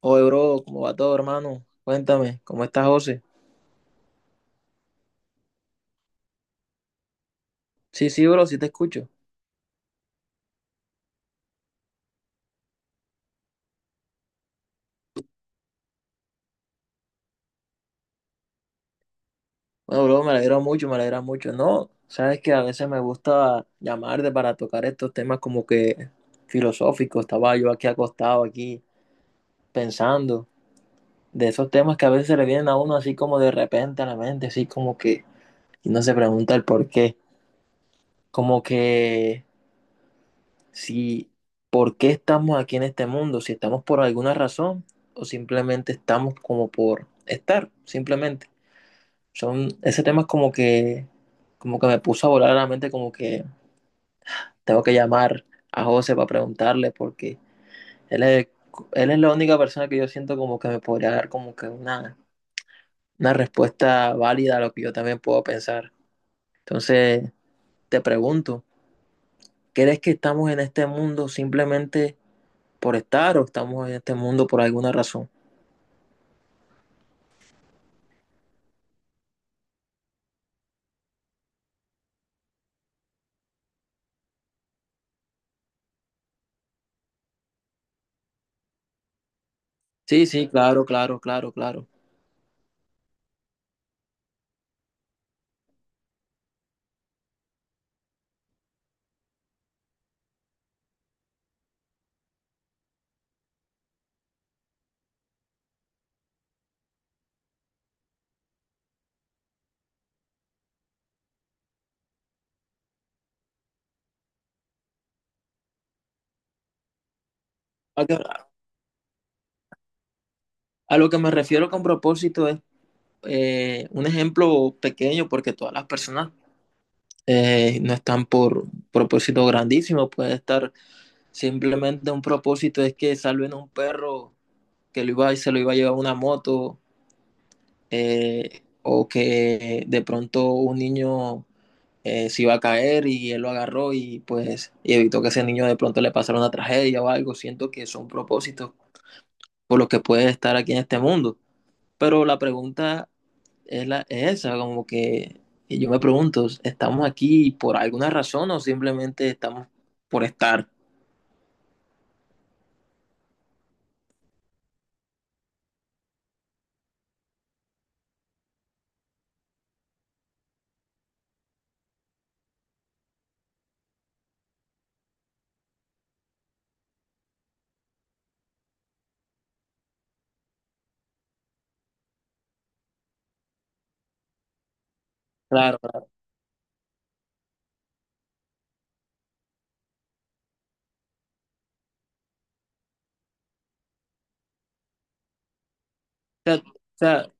Oye, bro, ¿cómo va todo, hermano? Cuéntame, ¿cómo estás, José? Sí, sí, bro, sí te escucho. Bueno, bro, me alegra mucho, me alegra mucho. No, sabes que a veces me gusta llamarte para tocar estos temas como que filosóficos. Estaba yo aquí acostado, aquí pensando de esos temas que a veces le vienen a uno así como de repente a la mente, así como que y no se pregunta el por qué. Como que si por qué estamos aquí en este mundo, si estamos por alguna razón o simplemente estamos como por estar, simplemente. Son, ese tema es como que me puso a volar a la mente, como que tengo que llamar a José para preguntarle, porque él es, él es la única persona que yo siento como que me podría dar como que una respuesta válida a lo que yo también puedo pensar. Entonces, te pregunto, ¿crees que estamos en este mundo simplemente por estar o estamos en este mundo por alguna razón? Sí, sí, claro, claro, claro, claro. A, que- a lo que me refiero con propósito es un ejemplo pequeño porque todas las personas no están por propósito grandísimo, puede estar simplemente un propósito es que salven a un perro que lo iba, se lo iba a llevar una moto, o que de pronto un niño, se iba a caer y él lo agarró y pues y evitó que ese niño de pronto le pasara una tragedia o algo. Siento que son propósitos por los que puede estar aquí en este mundo. Pero la pregunta es, la, es esa, como que y yo me pregunto, ¿estamos aquí por alguna razón o simplemente estamos por estar? Claro, claro. O sea,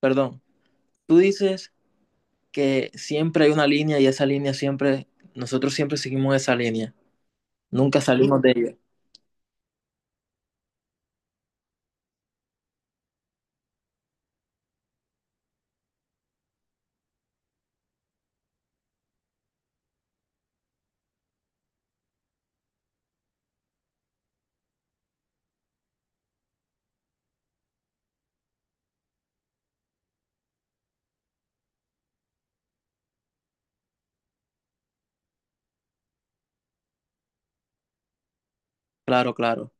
perdón, tú dices que siempre hay una línea y esa línea siempre, nosotros siempre seguimos esa línea. Nunca salimos de ella. Claro, claro.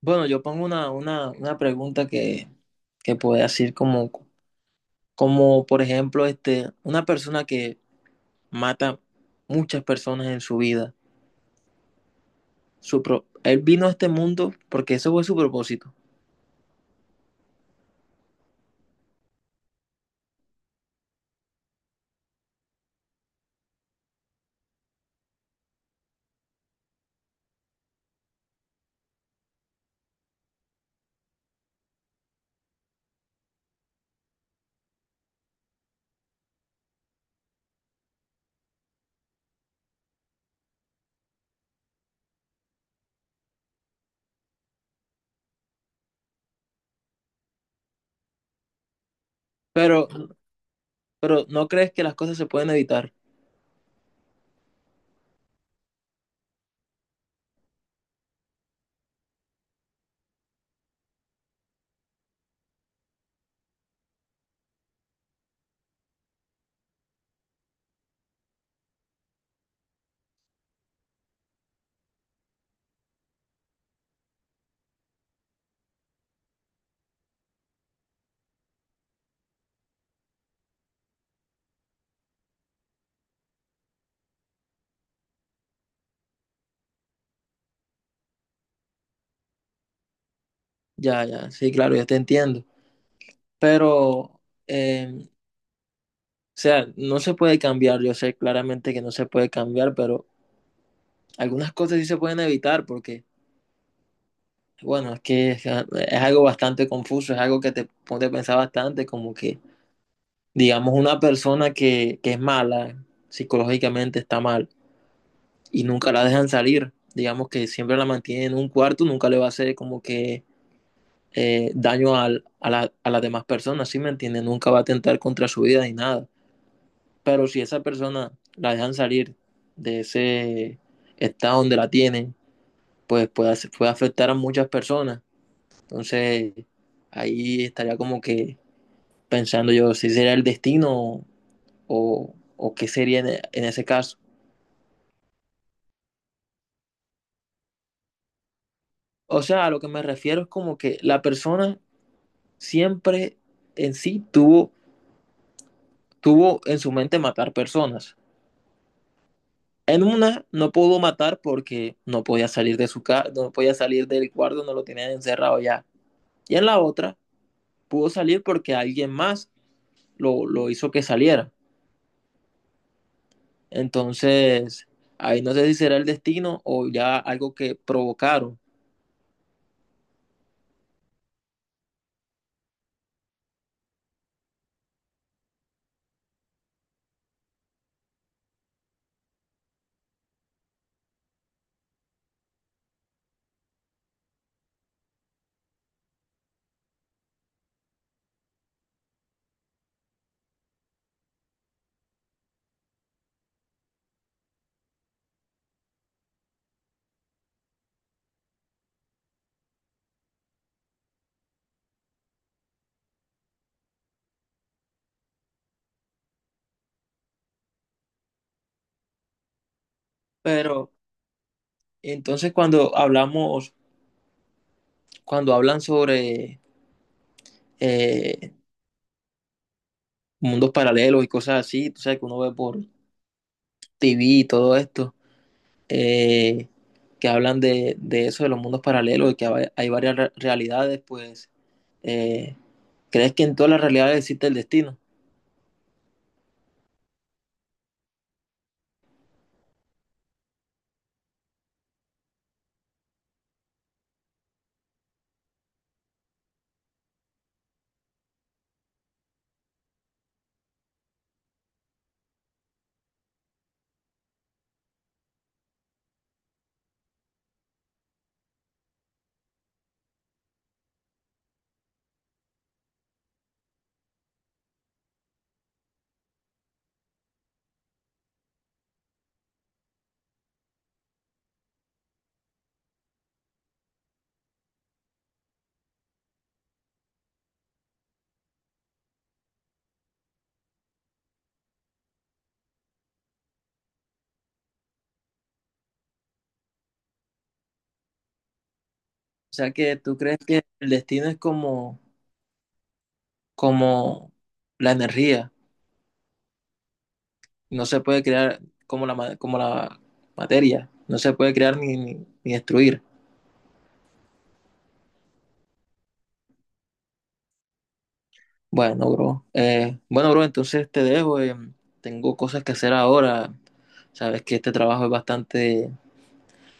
Bueno, yo pongo una pregunta que puede decir como, como, por ejemplo, este, una persona que mata muchas personas en su vida. Su pro- él vino a este mundo porque eso fue su propósito. Pero, pero ¿no crees que las cosas se pueden evitar? Ya, ya, sí, claro, yo te entiendo. Pero, o sea, no se puede cambiar. Yo sé claramente que no se puede cambiar, pero algunas cosas sí se pueden evitar porque bueno, es que es algo bastante confuso, es algo que te pone a pensar bastante, como que, digamos, una persona que es mala, psicológicamente está mal, y nunca la dejan salir, digamos que siempre la mantienen en un cuarto, nunca le va a hacer como que daño al- a, la- a las demás personas, ¿sí me entiendes? Nunca va a atentar contra su vida ni nada. Pero si esa persona la dejan salir de ese estado donde la tienen, pues puede, puede afectar a muchas personas. Entonces, ahí estaría como que pensando yo si sería el destino o qué sería en ese caso. O sea, a lo que me refiero es como que la persona siempre en sí tuvo, tuvo en su mente matar personas. En una no pudo matar porque no podía salir de su casa, no podía salir del cuarto, no lo tenían encerrado ya. Y en la otra pudo salir porque alguien más lo hizo que saliera. Entonces, ahí no sé si será el destino o ya algo que provocaron. Pero entonces cuando hablamos, cuando hablan sobre, eh, mundos paralelos y cosas así, tú sabes que uno ve por TV y todo esto, eh, que hablan de eso, de los mundos paralelos y que hay varias re- realidades, pues, eh, ¿crees que en todas las realidades existe el destino? O sea que tú crees que el destino es como, como la energía, no se puede crear como la, ma- como la materia, no se puede crear ni, ni, ni destruir. Bueno, bro. Bueno, bro, entonces te dejo. Tengo cosas que hacer ahora. Sabes que este trabajo es bastante,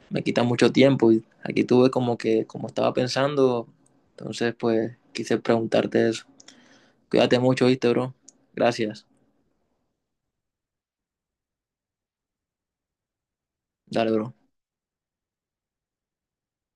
me quita mucho tiempo y aquí tuve como que, como estaba pensando, entonces pues quise preguntarte eso. Cuídate mucho, ¿viste, bro? Gracias. Dale, bro.